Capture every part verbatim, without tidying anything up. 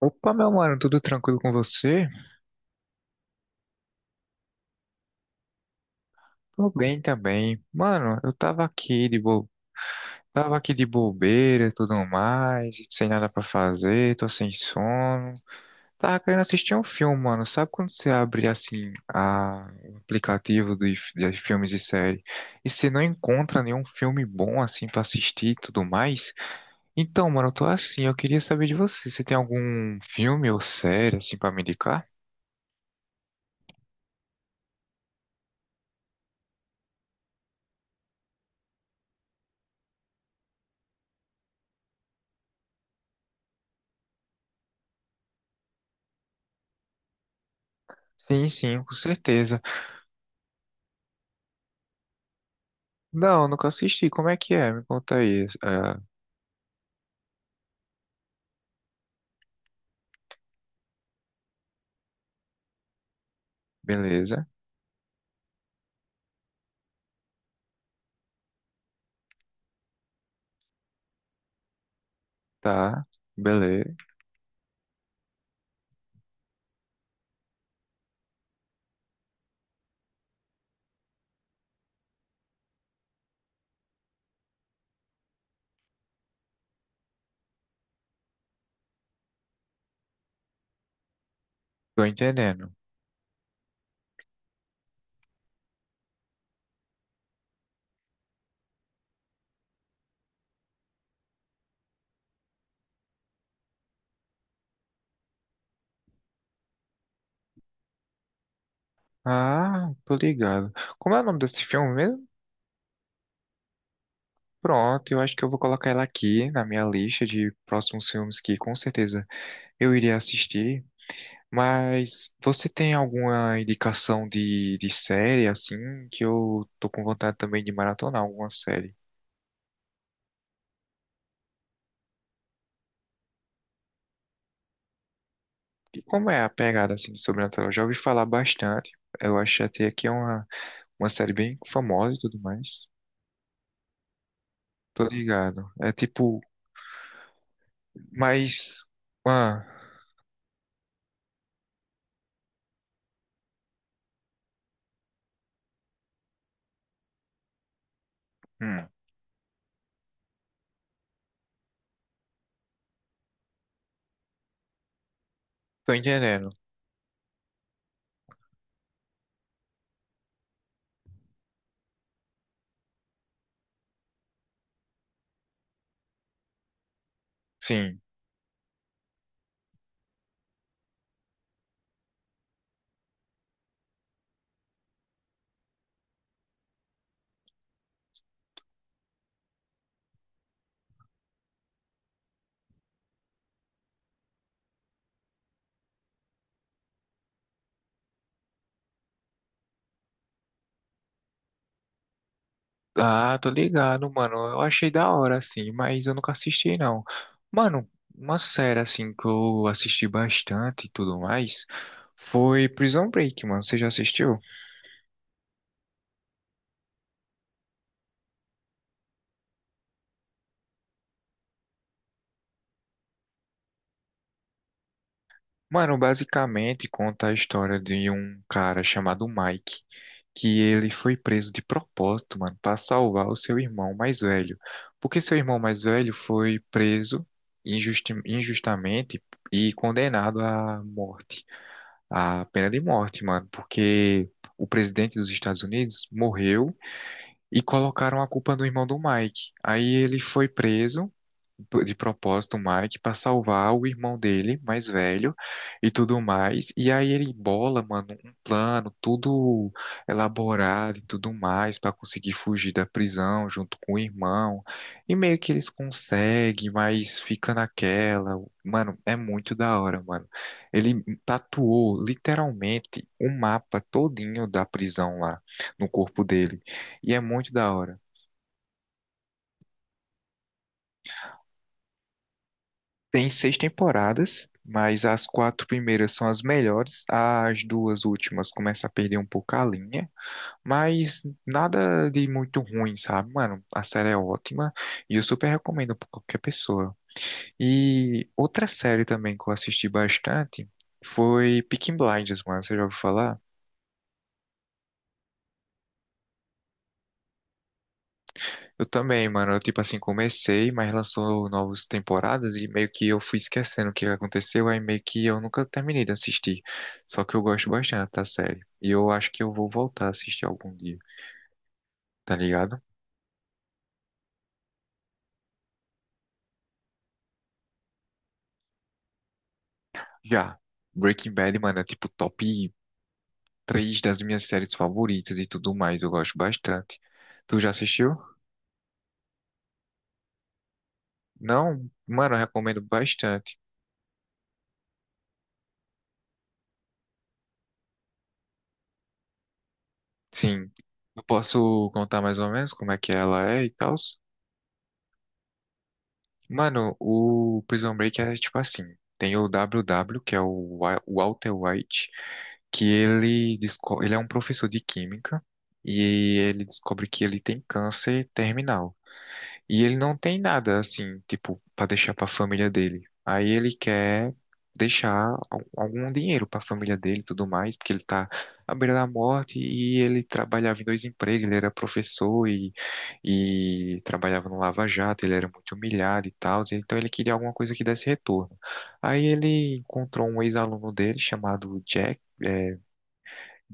Opa, meu mano, tudo tranquilo com você? Tô bem também. Mano, eu tava aqui de bo... tava aqui de bobeira e tudo mais, sem nada pra fazer, tô sem sono. Tava querendo assistir um filme, mano. Sabe quando você abre assim a... o aplicativo de... de filmes e séries e você não encontra nenhum filme bom assim pra assistir e tudo mais? Então, mano, eu tô assim, eu queria saber de você. Você tem algum filme ou série assim pra me indicar? Sim, sim, com certeza. Não, nunca assisti. Como é que é? Me conta aí. Ah, beleza, tá. Beleza. Tô entendendo. Ah, tô ligado. Como é o nome desse filme mesmo? Pronto, eu acho que eu vou colocar ela aqui na minha lista de próximos filmes que com certeza eu iria assistir. Mas você tem alguma indicação de, de série, assim, que eu tô com vontade também de maratonar alguma série? E como é a pegada, assim, de Sobrenatural? Eu já ouvi falar bastante. Eu acho até que é uma Uma série bem famosa e tudo mais. Tô ligado. É tipo, mas. Ah, hum, tô entendendo. Sim. Ah, tô ligado, mano. Eu achei da hora, assim, mas eu nunca assisti, não. Mano, uma série, assim, que eu assisti bastante e tudo mais foi Prison Break, mano. Você já assistiu? Mano, basicamente conta a história de um cara chamado Mike, que ele foi preso de propósito, mano, para salvar o seu irmão mais velho. Porque seu irmão mais velho foi preso injusti- injustamente e condenado à morte, à pena de morte, mano, porque o presidente dos Estados Unidos morreu e colocaram a culpa no irmão do Mike. Aí ele foi preso de propósito o Mike para salvar o irmão dele, mais velho, e tudo mais. E aí ele bola, mano, um plano tudo elaborado e tudo mais para conseguir fugir da prisão junto com o irmão. E meio que eles conseguem, mas fica naquela. Mano, é muito da hora, mano. Ele tatuou literalmente o mapa todinho da prisão lá no corpo dele. E é muito da hora. Tem seis temporadas, mas as quatro primeiras são as melhores. As duas últimas começam a perder um pouco a linha, mas nada de muito ruim, sabe? Mano, a série é ótima e eu super recomendo pra qualquer pessoa. E outra série também que eu assisti bastante foi Peaky Blinders, mano. Você já ouviu falar? Eu também, mano. Eu, tipo assim, comecei, mas lançou novas temporadas e meio que eu fui esquecendo o que aconteceu, aí meio que eu nunca terminei de assistir. Só que eu gosto bastante da série. E eu acho que eu vou voltar a assistir algum dia, tá ligado? Já. Breaking Bad, mano, é tipo top três das minhas séries favoritas e tudo mais. Eu gosto bastante. Tu já assistiu? Não? Mano, eu recomendo bastante. Sim. Eu posso contar mais ou menos como é que ela é e tal? Mano, o Prison Break é tipo assim, tem o W W, que é o Wa- Walter White, que ele, desco- ele é um professor de química e ele descobre que ele tem câncer terminal. E ele não tem nada assim, tipo, pra deixar pra família dele. Aí ele quer deixar al- algum dinheiro pra família dele e tudo mais, porque ele tá à beira da morte e ele trabalhava em dois empregos, ele era professor e, e trabalhava no Lava Jato, ele era muito humilhado e tal, então ele queria alguma coisa que desse retorno. Aí ele encontrou um ex-aluno dele chamado Jack, é,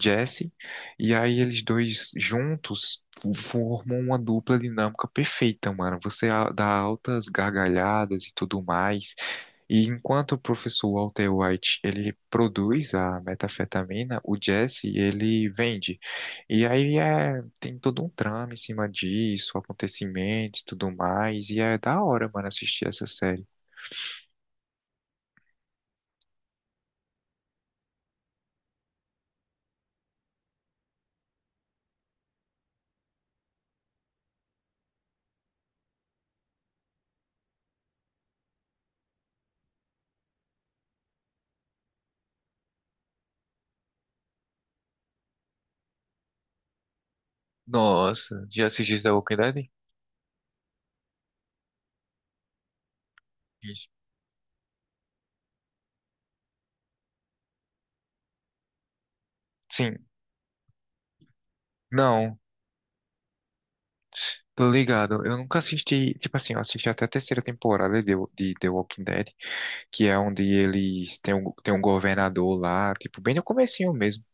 Jesse, e aí eles dois juntos formam uma dupla dinâmica perfeita, mano. Você a- dá altas gargalhadas e tudo mais. E enquanto o professor Walter White, ele produz a metafetamina, o Jesse, ele vende. E aí é, tem todo um trama em cima disso, acontecimentos e tudo mais, e é da hora, mano, assistir essa série. Nossa, já assististe The Walking Dead? Isso. Sim, não, tô ligado. Eu nunca assisti, tipo assim, eu assisti até a terceira temporada de, de The Walking Dead, que é onde eles têm um, tem um governador lá, tipo, bem no comecinho mesmo.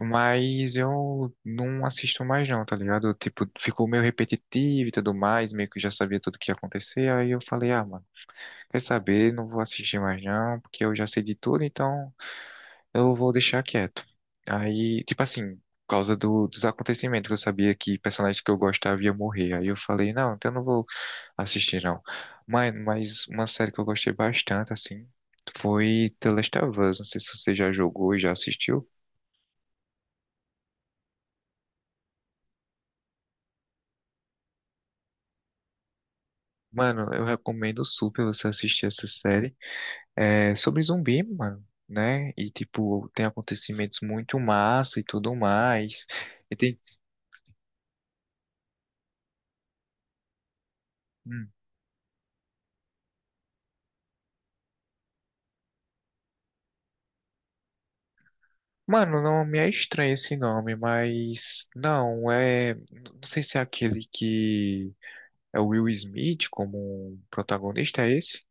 Mas eu não assisto mais não, tá ligado? Tipo, ficou meio repetitivo e tudo mais, meio que eu já sabia tudo que ia acontecer, aí eu falei, ah, mano, quer saber, não vou assistir mais não, porque eu já sei de tudo, então eu vou deixar quieto. Aí, tipo assim, por causa do, dos acontecimentos, eu sabia que personagens que eu gostava ia morrer. Aí eu falei, não, então eu não vou assistir, não. Mas, mas uma série que eu gostei bastante, assim, foi The Last of Us. Não sei se você já jogou e já assistiu. Mano, eu recomendo super você assistir essa série. É sobre zumbi, mano, né? E, tipo, tem acontecimentos muito massa e tudo mais. E tem. Hum, mano, não me é estranho esse nome, mas não é. Não sei se é aquele que é o Will Smith como protagonista, é esse?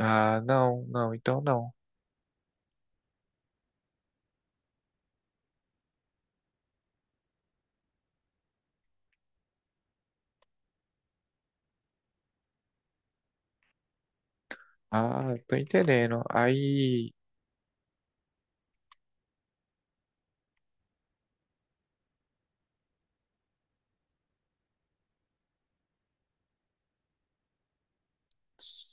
Ah, não, não, então não. Ah, tô entendendo. Aí, s-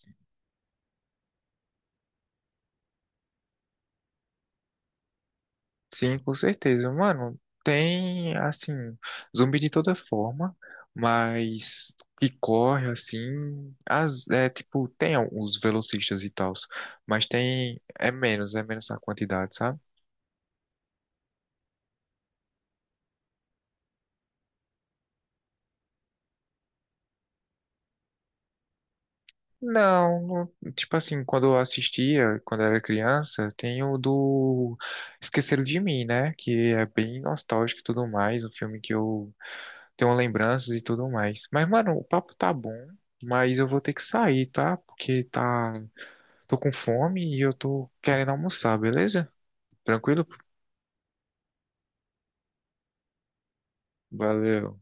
sim, com certeza. Mano, tem, assim, zumbi de toda forma, mas que corre, assim, as, é, tipo, tem os velocistas e tals, mas tem, é menos, é menos a quantidade, sabe? Não, não- tipo assim, quando eu assistia, quando eu era criança, tem o do Esqueceram de Mim, né? Que é bem nostálgico e tudo mais, um filme que eu tenho lembranças e tudo mais. Mas, mano, o papo tá bom, mas eu vou ter que sair, tá? Porque tá, tô com fome e eu tô querendo almoçar, beleza? Tranquilo? Valeu.